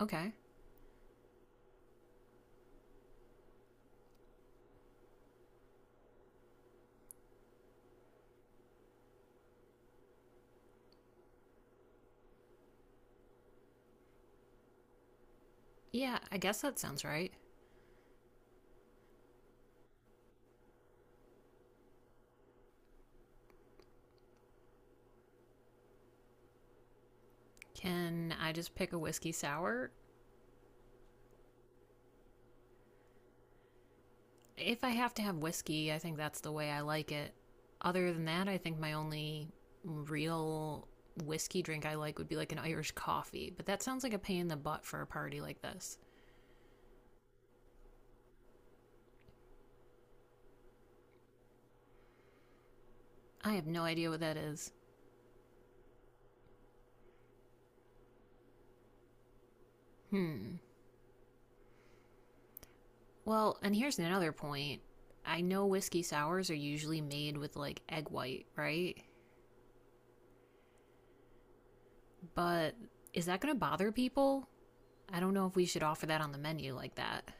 Okay. Yeah, I guess that sounds right. Can I just pick a whiskey sour? If I have to have whiskey, I think that's the way I like it. Other than that, I think my only real whiskey drink I like would be like an Irish coffee, but that sounds like a pain in the butt for a party like this. I have no idea what that is. Hmm. Well, and here's another point. I know whiskey sours are usually made with like egg white, right? But is that going to bother people? I don't know if we should offer that on the menu like that.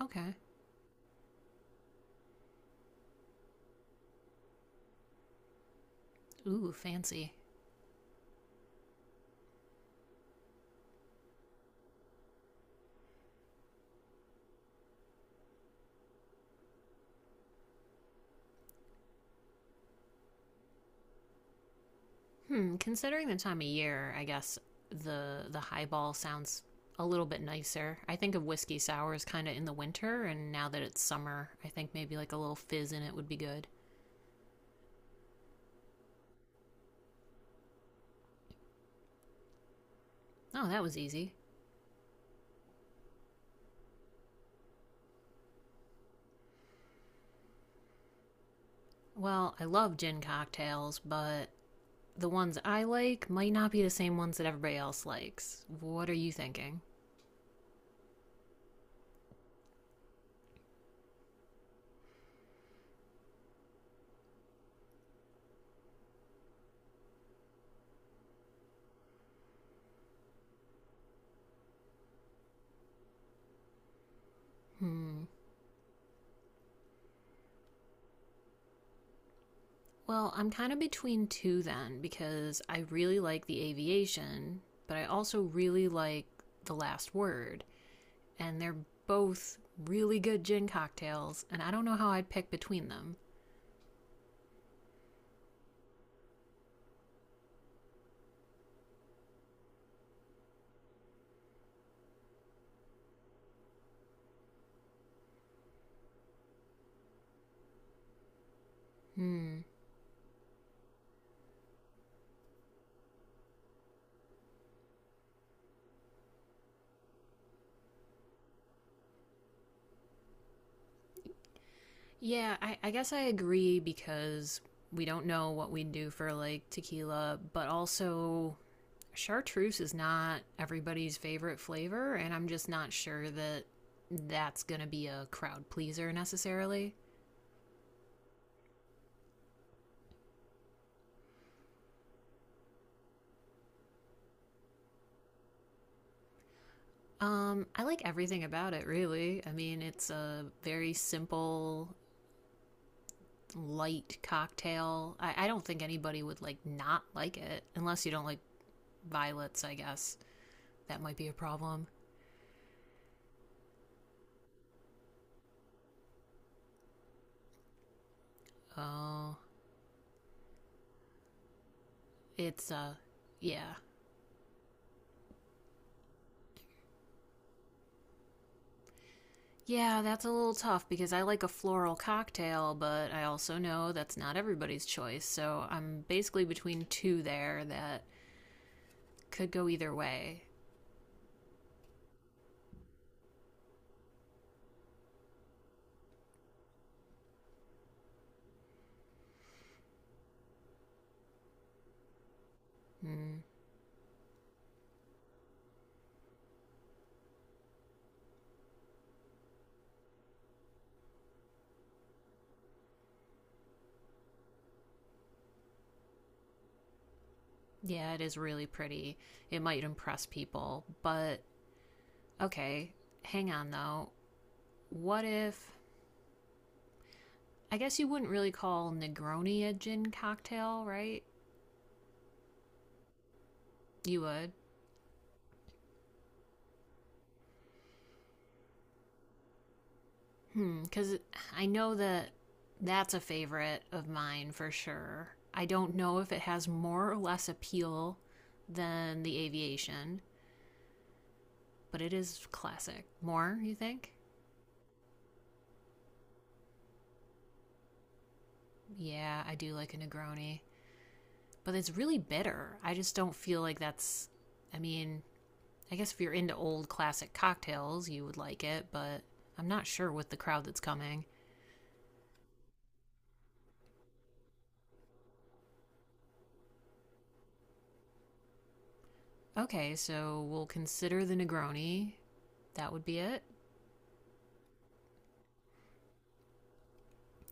Okay. Ooh, fancy. Hmm. Considering the time of year, I guess the highball sounds a little bit nicer. I think of whiskey sours kind of in the winter, and now that it's summer, I think maybe like a little fizz in it would be good. Oh, that was easy. Well, I love gin cocktails, but the ones I like might not be the same ones that everybody else likes. What are you thinking? Hmm. Well, I'm kind of between two then because I really like the aviation, but I also really like the last word, and they're both really good gin cocktails, and I don't know how I'd pick between them. Hmm. Yeah, I guess I agree because we don't know what we'd do for like tequila, but also chartreuse is not everybody's favorite flavor, and I'm just not sure that that's gonna be a crowd pleaser necessarily. I like everything about it, really. I mean, it's a very simple, light cocktail. I don't think anybody would like not like it, unless you don't like violets. I guess that might be a problem. Oh, it's yeah, yeah. That's a little tough because I like a floral cocktail, but I also know that's not everybody's choice. So I'm basically between two there that could go either way. Mm. Yeah, it is really pretty. It might impress people, but okay, hang on though. What if I guess you wouldn't really call Negroni a gin cocktail, right? You would. Hmm, cuz I know that that's a favorite of mine for sure. I don't know if it has more or less appeal than the aviation, but it is classic. More, you think? Yeah, I do like a Negroni, but it's really bitter. I just don't feel like that's I mean, I guess if you're into old classic cocktails, you would like it, but I'm not sure with the crowd that's coming. Okay, so we'll consider the Negroni. That would be it.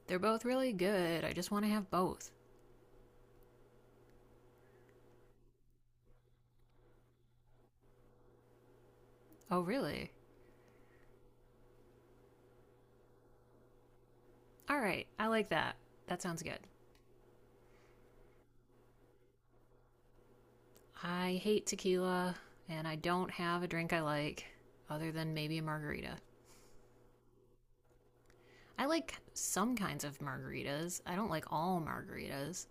They're both really good. I just want to have both. Oh, really? All right, I like that. That sounds good. I hate tequila, and I don't have a drink I like other than maybe a margarita. I like some kinds of margaritas. I don't like all margaritas.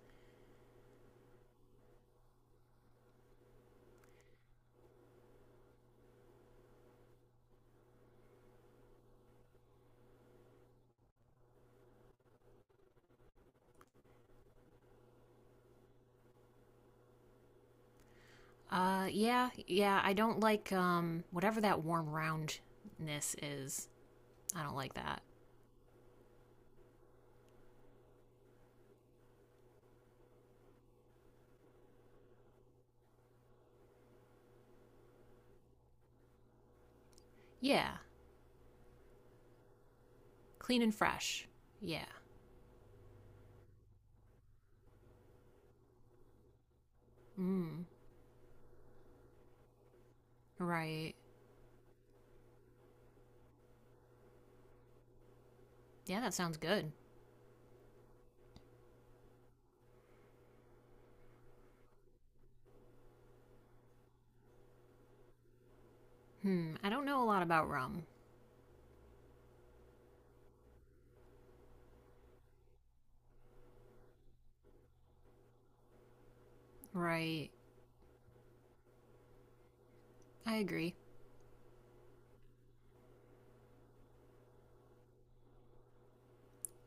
Yeah, yeah. I don't like whatever that warm roundness is. I don't like that. Yeah, clean and fresh. Yeah. Mm. Right. Yeah, that sounds good. Hmm. I don't know a lot about rum. Right. I agree.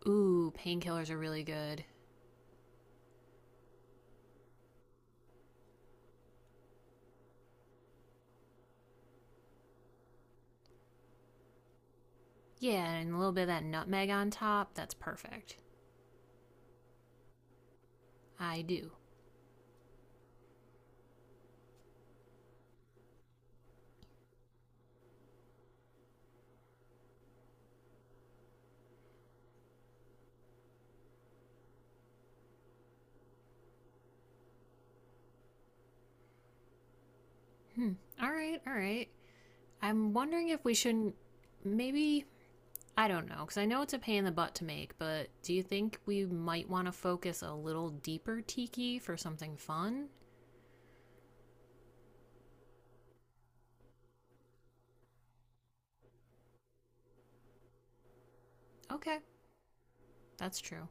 Ooh, painkillers are really good. Yeah, and a little bit of that nutmeg on top. That's perfect. I do. Hmm. All right. All right. I'm wondering if we shouldn't maybe I don't know, because I know it's a pain in the butt to make, but do you think we might want to focus a little deeper tiki for something fun? Okay, that's true.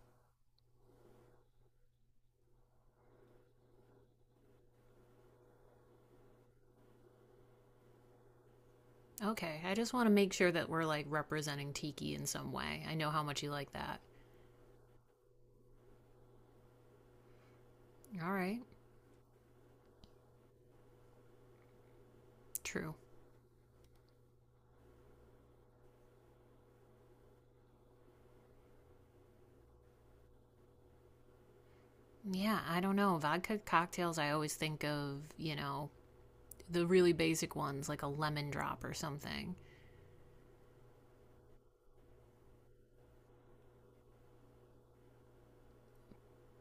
Okay, I just want to make sure that we're like representing tiki in some way. I know how much you like that. All right, true. Yeah, I don't know. Vodka cocktails, I always think of, the really basic ones like a lemon drop or something.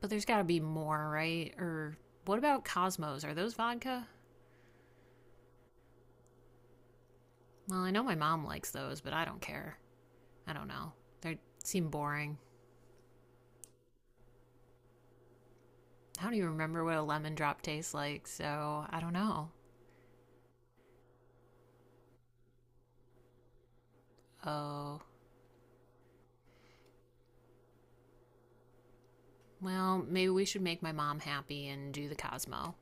But there's got to be more, right? Or what about Cosmos? Are those vodka? Well, I know my mom likes those, but I don't care. I don't know. They seem boring. I don't even remember what a lemon drop tastes like, so I don't know. Oh, well, maybe we should make my mom happy and do the Cosmo.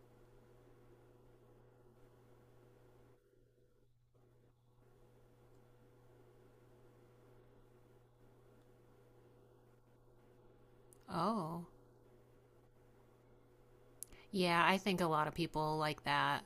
Oh, yeah, I think a lot of people like that.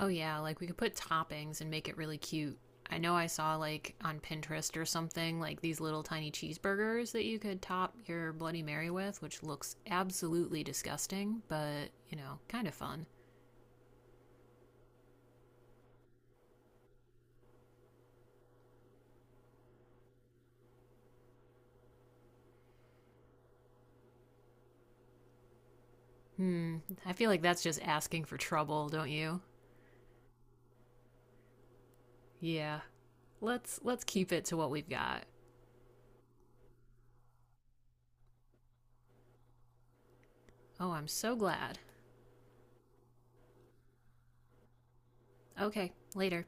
Oh, yeah, like we could put toppings and make it really cute. I know I saw like on Pinterest or something like these little tiny cheeseburgers that you could top your Bloody Mary with, which looks absolutely disgusting, but you know, kind of fun. Hmm. I feel like that's just asking for trouble, don't you? Yeah. Let's keep it to what we've got. Oh, I'm so glad. Okay, later.